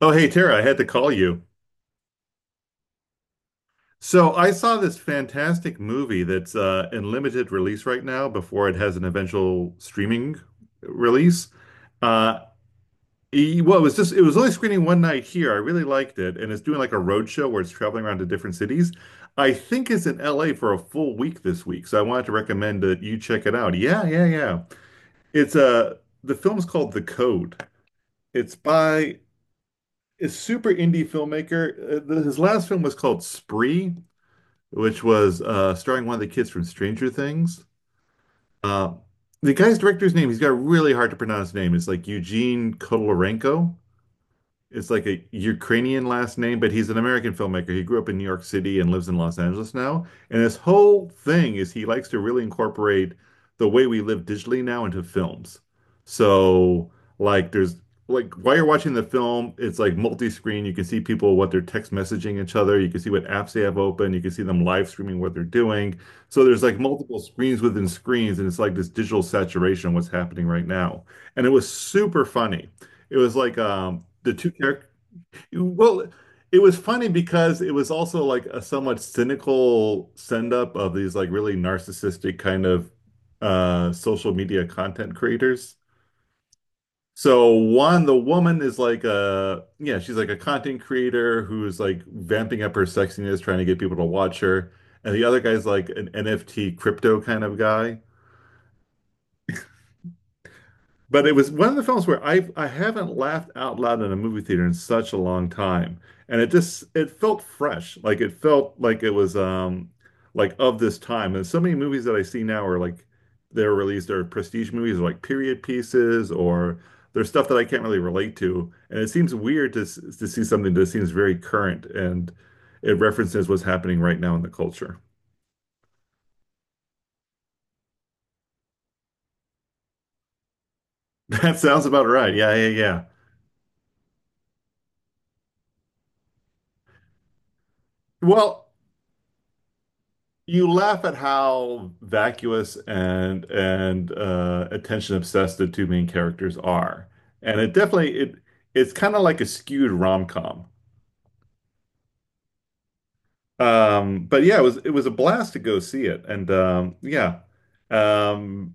Oh, hey, Tara, I had to call you. So I saw this fantastic movie that's in limited release right now before it has an eventual streaming release. Uh, well, it was only screening one night here. I really liked it. And it's doing like a road show where it's traveling around to different cities. I think it's in LA for a full week this week. So I wanted to recommend that you check it out. Yeah, yeah, yeah. It's the film's called The Code. It's by a super indie filmmaker. His last film was called Spree, which was starring one of the kids from Stranger Things. Uh, the guy's director's name, he's got a really hard to pronounce name. It's like Eugene Kodolenko. It's like a Ukrainian last name, but he's an American filmmaker. He grew up in New York City and lives in Los Angeles now. And this whole thing is he likes to really incorporate the way we live digitally now into films. So, like, there's like while you're watching the film, it's like multi-screen. You can see people what they're text messaging each other. You can see what apps they have open. You can see them live streaming what they're doing. So there's like multiple screens within screens, and it's like this digital saturation of what's happening right now. And it was super funny. It was like the two characters. Well, it was funny because it was also like a somewhat cynical send up of these like really narcissistic kind of social media content creators. So one, the woman is like a yeah, she's like a content creator who's like vamping up her sexiness, trying to get people to watch her. And the other guy's like an NFT crypto kind of guy. But it was one of the films where I haven't laughed out loud in a movie theater in such a long time, and it felt fresh, like it felt like it was like of this time. And so many movies that I see now are like they're released are prestige movies or like period pieces or there's stuff that I can't really relate to, and it seems weird to to see something that seems very current and it references what's happening right now in the culture. That sounds about right. Yeah, yeah, yeah. Well, you laugh at how vacuous and attention obsessed the two main characters are, and it definitely it's kind of like a skewed rom-com. But yeah, it was a blast to go see it, and um,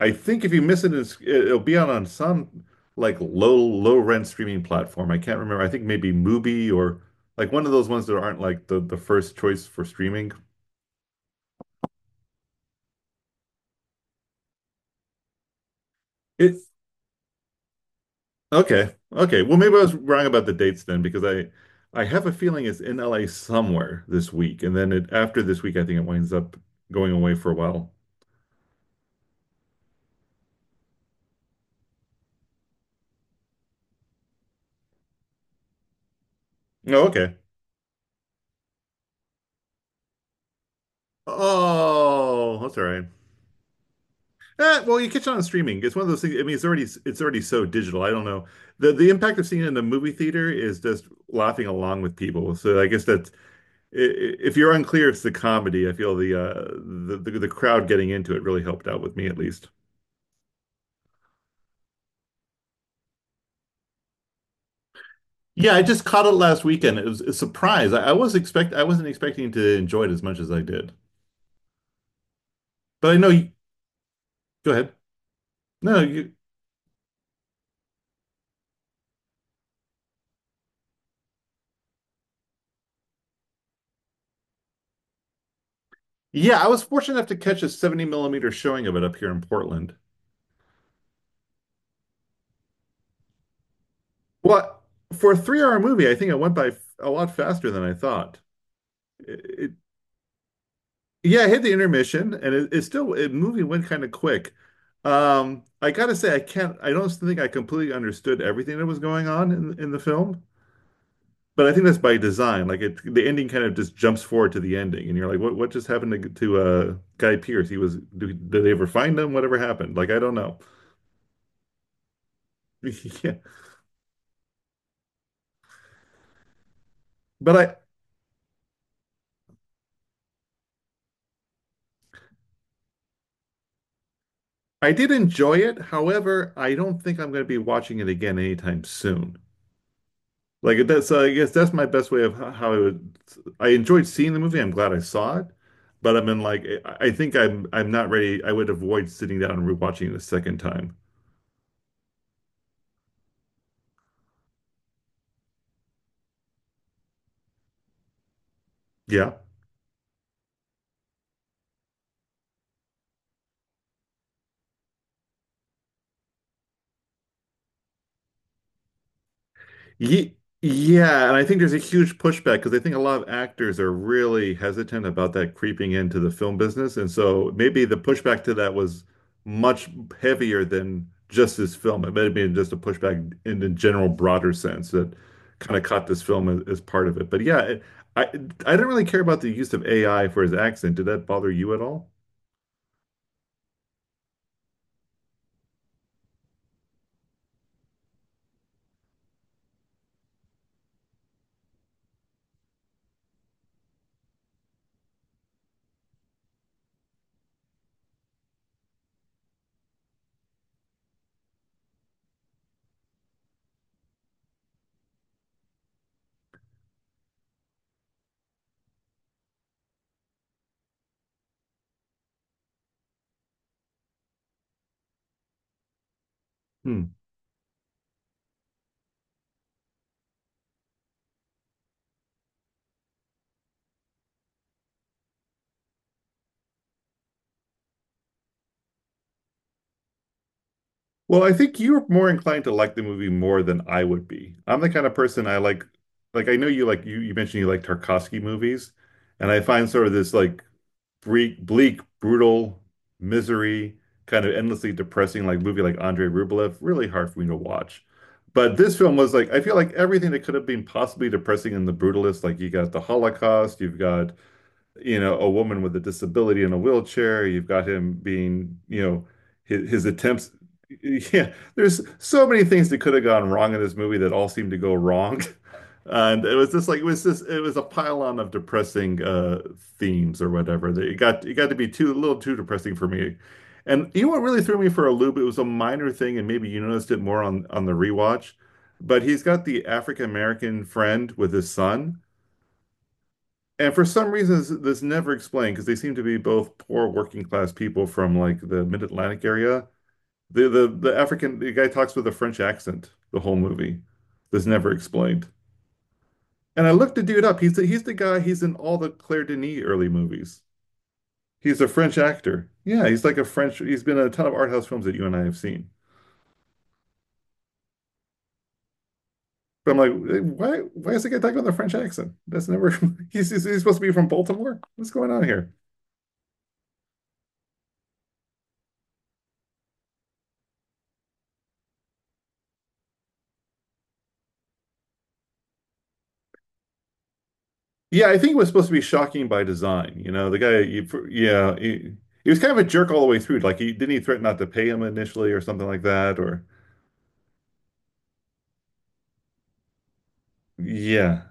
I think if you miss it, it'll be out on some like low low rent streaming platform. I can't remember. I think maybe Mubi or like one of those ones that aren't like the first choice for streaming. It Okay. Okay. Well, maybe I was wrong about the dates then because I have a feeling it's in LA somewhere this week. And then it after this week I think it winds up going away for a while. Oh, okay. Oh, that's all right. Eh, well, you catch it on streaming. It's one of those things. I mean, it's already so digital. I don't know. The impact of seeing it in a movie theater is just laughing along with people. So I guess that's if you're unclear, it's the comedy. I feel the crowd getting into it really helped out with me at least. Yeah, I just caught it last weekend. It was a surprise. I wasn't expecting to enjoy it as much as I did. But I know you go ahead. No, you yeah, I was fortunate enough to catch a 70 millimeter showing of it up here in Portland. Well, for a 3 hour movie, I think it went by a lot faster than I thought. It, it- yeah, I hit the intermission and it movie went kind of quick. I gotta say I don't think I completely understood everything that was going on in the film. But I think that's by design. Like it, the ending kind of just jumps forward to the ending, and you're like, "What? What just happened to Guy Pierce? He was. Did they ever find him? Whatever happened? Like I don't know." Yeah, but I did enjoy it. However, I don't think I'm going to be watching it again anytime soon. Like that's I guess that's my best way of how I would. I enjoyed seeing the movie. I'm glad I saw it, but I think I'm not ready. I would avoid sitting down and rewatching it a second time. Yeah. Ye Yeah, and I think there's a huge pushback because I think a lot of actors are really hesitant about that creeping into the film business. And so maybe the pushback to that was much heavier than just this film. It may have been just a pushback in the general broader sense that kind of caught this film as part of it. But yeah, I didn't really care about the use of AI for his accent. Did that bother you at all? Well, I think you're more inclined to like the movie more than I would be. I'm the kind of person I like I know you like you mentioned you like Tarkovsky movies, and I find sort of this like bleak, brutal misery, kind of endlessly depressing like movie like Andrei Rublev really hard for me to watch. But this film was like I feel like everything that could have been possibly depressing in the brutalist, like you got the Holocaust, you've got you know, a woman with a disability in a wheelchair. You've got him being, you know, his attempts. Yeah, there's so many things that could have gone wrong in this movie that all seemed to go wrong. And it was just like it was a pile on of depressing themes or whatever. That it got to be too a little too depressing for me. And you know what really threw me for a loop? It was a minor thing, and maybe you noticed it more on the rewatch. But he's got the African American friend with his son, and for some reasons, this never explained because they seem to be both poor working class people from like the mid-Atlantic area. The guy talks with a French accent the whole movie. This never explained. And I looked the dude up. He's the guy. He's in all the Claire Denis early movies. He's a French actor. Yeah, he's like a French. He's been in a ton of art house films that you and I have seen. But I'm like, "Hey, why is the guy talking with a French accent? That's never." He's supposed to be from Baltimore. What's going on here? Yeah, I think it was supposed to be shocking by design. You know, yeah, he was kind of a jerk all the way through. Like, he threaten not to pay him initially or something like that? Or, yeah.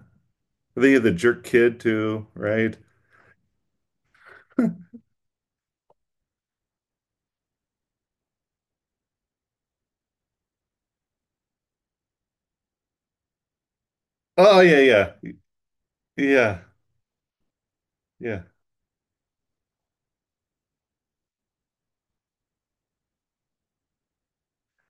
They had the jerk kid too, right? Oh, yeah, yeah, yeah, yeah.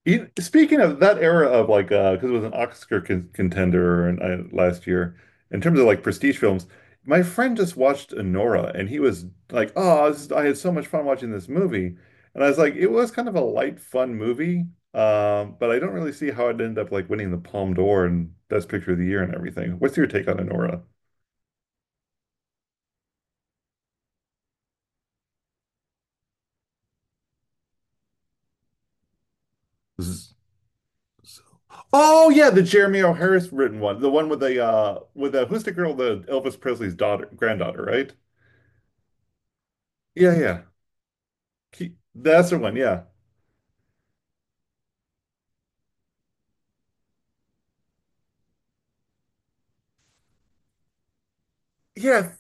You, speaking of that era of like, because it was an Oscar con contender and I, last year, in terms of like prestige films, my friend just watched Anora and he was like, "Oh, this is- I had so much fun watching this movie," and I was like, "It was kind of a light, fun movie, but I don't really see how it ended up like winning the Palme d'Or and Best Picture of the Year and everything." What's your take on Anora? Z- z- Oh yeah, the Jeremy O'Harris written one, the one with the who's the girl, the Elvis Presley's daughter, granddaughter, right? Yeah, yeah. That's the one. Yeah. Yeah.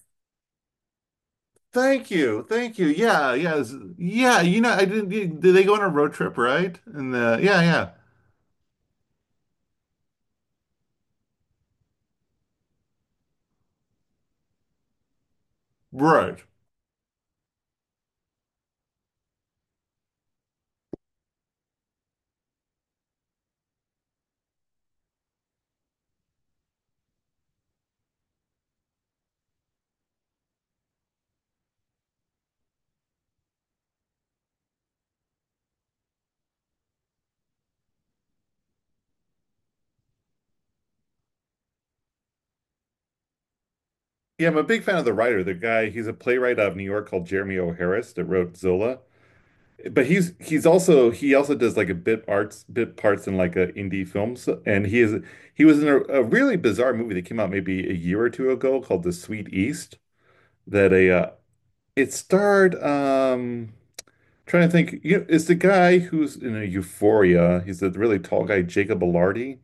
Thank you. Thank you. Yeah. Yeah. Yeah. You know, I didn't. Did they go on a road trip, right? And yeah, yeah. Right. Yeah. I'm a big fan of the writer. The guy, he's a playwright out of New York called Jeremy O'Harris that wrote Zola. But he also does like a bit arts bit parts in like a indie films and he was in a really bizarre movie that came out maybe a year or two ago called The Sweet East that a it starred trying to think, you know, is the guy who's in a Euphoria, he's the really tall guy, Jacob Elordi.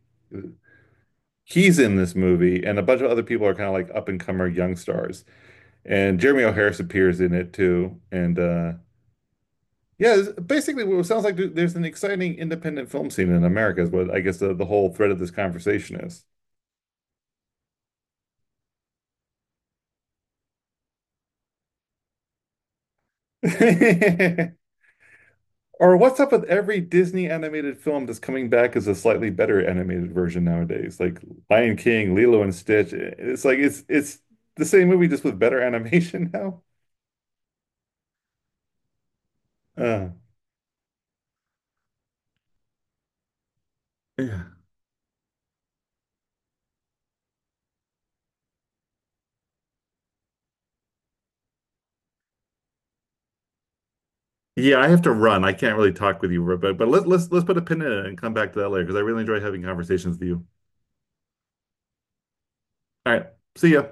He's in this movie, and a bunch of other people are kind of like up and comer young stars. And Jeremy O'Harris appears in it too. And yeah, it's basically what it sounds like there's an exciting independent film scene in America is what I guess the whole thread of this conversation is. Or what's up with every Disney animated film that's coming back as a slightly better animated version nowadays? Like Lion King, Lilo and Stitch. It's like it's the same movie just with better animation now. Uh, yeah. Yeah, I have to run. I can't really talk with you, but but let's put a pin in it and come back to that later because I really enjoy having conversations with you. All right. See ya.